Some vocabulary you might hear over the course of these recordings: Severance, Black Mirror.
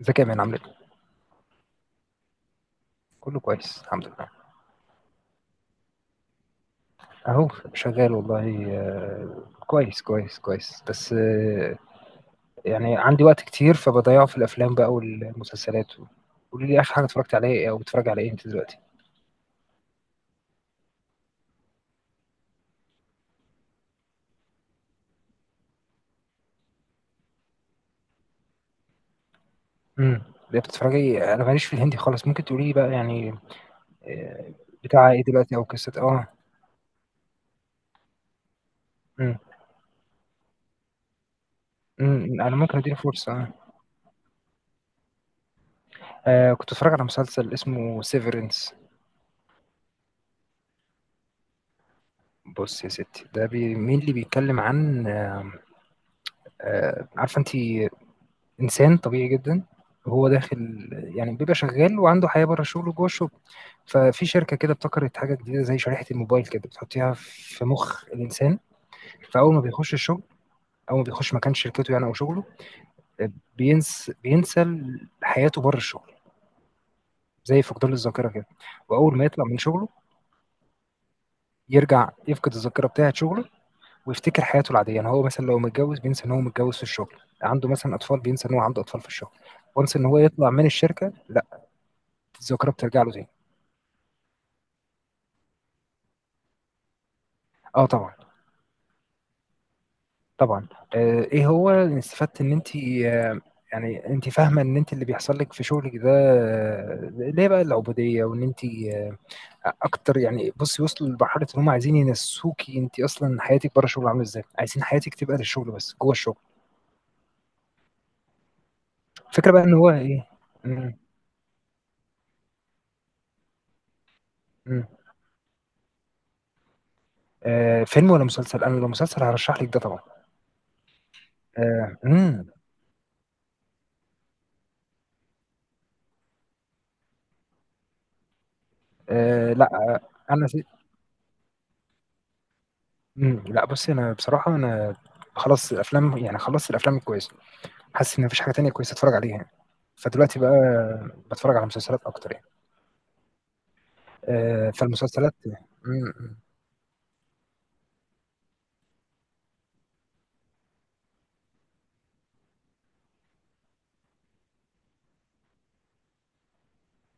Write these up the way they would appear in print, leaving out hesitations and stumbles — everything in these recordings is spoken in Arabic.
ازيك يا مان، عامل ايه؟ كله كويس، الحمد لله. اهو شغال والله، كويس كويس كويس. بس يعني عندي وقت كتير فبضيعه في الافلام بقى والمسلسلات قولي لي، اخر حاجه اتفرجت عليها ايه، او بتتفرج على ايه انت دلوقتي؟ امم. ليه بتتفرجي؟ انا ماليش في الهندي خالص، ممكن تقولي لي بقى يعني آه، بتاع ايه دلوقتي او قصه؟ اه. امم. امم، انا ممكن اديله فرصه. كنت اتفرج على مسلسل اسمه سيفرنس. بص يا ستي، ده مين اللي بيتكلم عن عارفه انت، انسان طبيعي جدا. وهو داخل يعني بيبقى شغال وعنده حياه بره الشغل وجوه الشغل. ففي شركه كده ابتكرت حاجه جديده زي شريحه الموبايل كده، بتحطيها في مخ الانسان. فاول ما بيخش الشغل، اول ما بيخش مكان شركته يعني او شغله، بينسى حياته بره الشغل، زي فقدان الذاكره كده. واول ما يطلع من شغله يرجع يفقد الذاكره بتاعه شغله، ويفتكر حياته العاديه. يعني هو مثلا لو متجوز بينسى ان هو متجوز في الشغل، عنده مثلا اطفال بينسى ان هو عنده اطفال في الشغل. وانس ان هو يطلع من الشركه، لا، الذاكره بترجع له تاني. اه، طبعا. طبعا. ايه هو اللي استفدت ان انت، آه، يعني انت فاهمه ان انت اللي بيحصل لك في شغلك ده، ليه بقى العبوديه، وان انت آه، اكتر. يعني بصي، وصلوا لمرحله ان هم عايزين ينسوكي انت اصلا حياتك بره الشغل عامله ازاي، عايزين حياتك تبقى للشغل بس جوه الشغل. فكره بقى ان هو ايه. مم. مم. فيلم ولا مسلسل؟ انا لو مسلسل هرشح لك ده طبعا. مم. لا. انا سي... لا، بصي انا بصراحه، انا خلاص الافلام، يعني خلصت الافلام الكويسه. حاسس ان مفيش حاجه تانية كويسه اتفرج عليها يعني. فدلوقتي بقى بتفرج على مسلسلات اكتر يعني. فالمسلسلات. مم.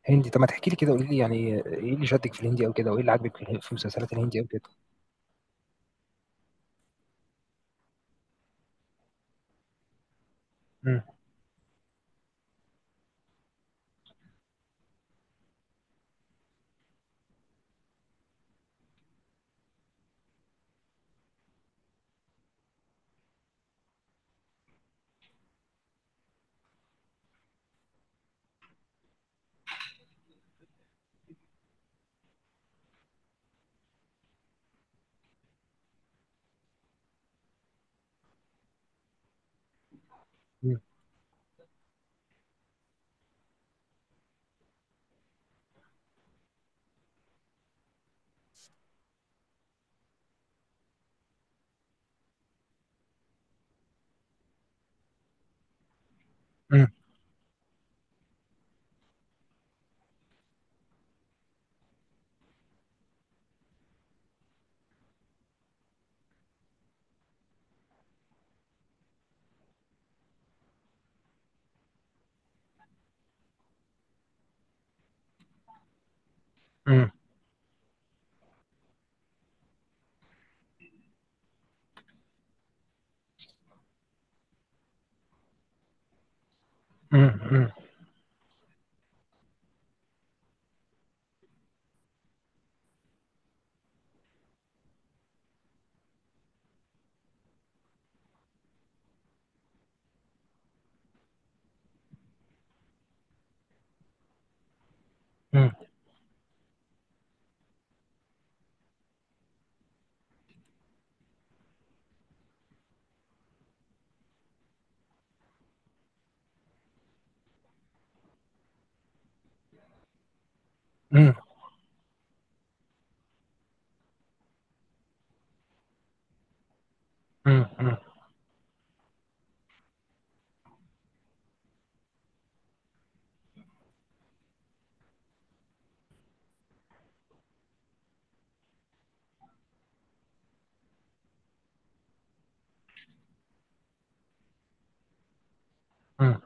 هندي؟ طب ما تحكي لي كده، قولي لي يعني ايه اللي شدك في الهندي او كده، وايه اللي عاجبك في المسلسلات الهندي او كده. مم. مم. مم. مم. مم. مم. مم. مم. مم. مم.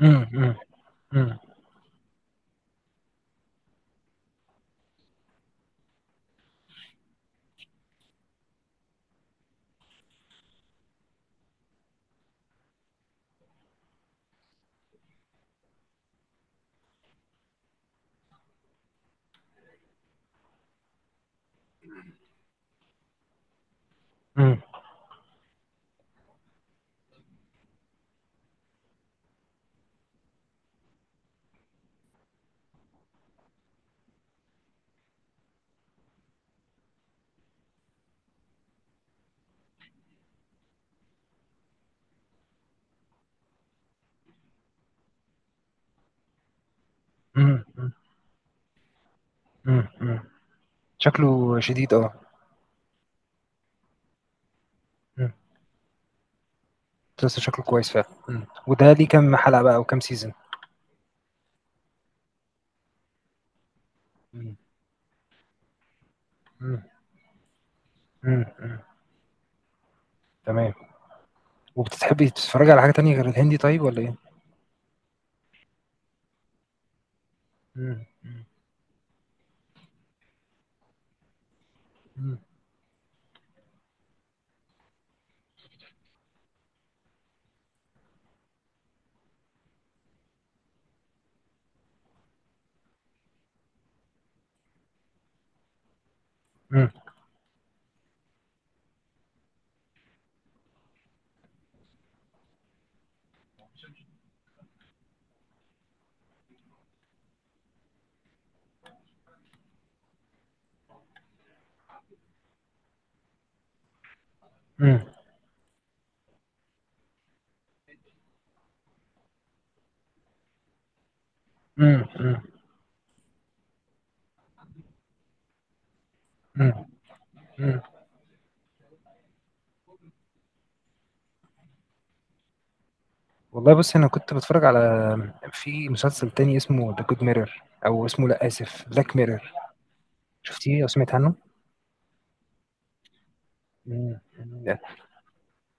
مم. مم. مم. مم. مم. مم. مم. شكله شديد، اه. مم. مسلسل شكله كويس فعلا. مم. وده ليه كام حلقة بقى وكام سيزون؟ مم. مم. مم. مم. تمام. وبتحبي تتفرجي على حاجة تانية غير الهندي طيب، ولا ايه؟ مم. مم. مم. مم. مم. مم. مم. مم. والله، بص، انا كنت بتفرج على في مسلسل تاني اسمه ذا جود ميرور، او اسمه، لا، اسف، بلاك ميرور. شفتيه او سمعت عنه؟ مم.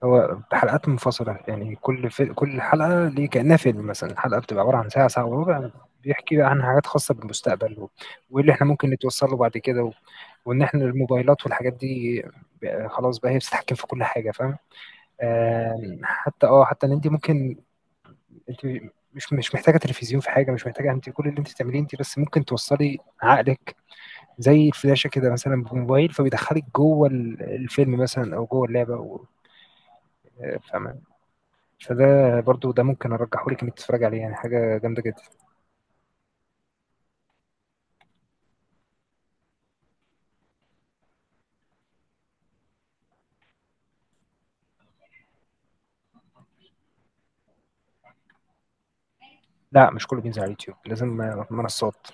هو حلقات منفصلة، يعني كل حلقة ليه كأنها فيلم. مثلا الحلقة بتبقى عبارة عن ساعة، ساعة وربع. بيحكي بقى عن حاجات خاصة بالمستقبل، و... واللي احنا ممكن نتوصل له بعد كده، و... وإن احنا الموبايلات والحاجات دي بقى خلاص بقى هي بتتحكم في كل حاجة، فاهم. حتى إن أنت ممكن، أنت مش محتاجة تلفزيون في حاجة، مش محتاجة، أنت كل اللي أنت تعمليه أنت بس ممكن توصلي عقلك زي الفلاشة كده مثلا بموبايل، فبيدخلك جوه الفيلم مثلا، أو جوه اللعبة. و... فاهمة. فده برضو، ده ممكن ارجحه لك انك تتفرج عليه، يعني حاجه جامده جدا. لا، مش كله بينزل على اليوتيوب، لازم منصات.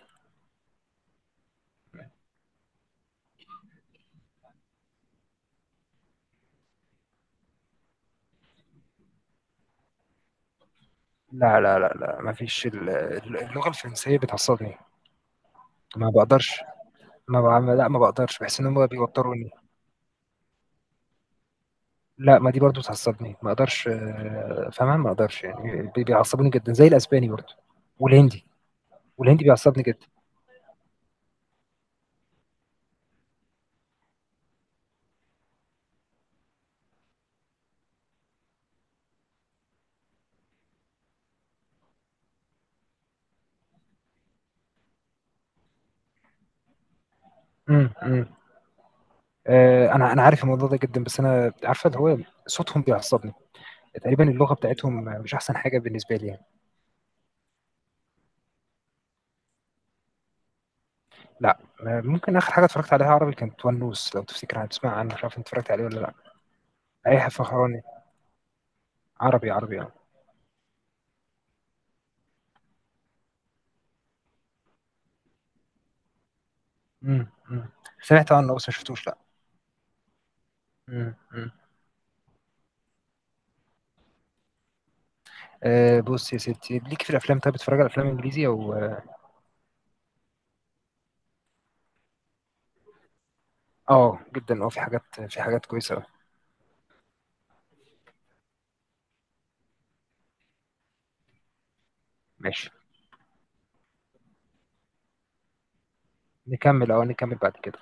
لا، لا، لا، لا، ما فيش اللغه الفرنسيه بتعصبني. ما بقدرش. ما بعمل لا، ما بقدرش، بحس ان هم بيوتروني. لا، ما دي برضو بتعصبني، ما اقدرش فاهمها، ما اقدرش يعني بيعصبوني جدا، زي الاسباني برضو والهندي. والهندي بيعصبني جدا. امم، امم. انا عارف الموضوع ده جدا، بس انا عارفه اللي هو صوتهم بيعصبني. تقريبا اللغه بتاعتهم مش احسن حاجه بالنسبه لي يعني. لا. ممكن اخر حاجه اتفرجت عليها عربي كانت ونوس، لو تفتكر، تسمع عنه، مش عارف انت اتفرجت عليه ولا لا. اي فخراني. عربي، عربي، اه. أمم، أمم. سمعت عنه بس ما شفتوش، لا. أمم، أمم. بص يا ستي، ليك في الافلام. طيب بتتفرج على افلام انجليزي، او؟ اه، جدا. اه، في حاجات كويسه أوي. ماشي. نكمل بعد كده.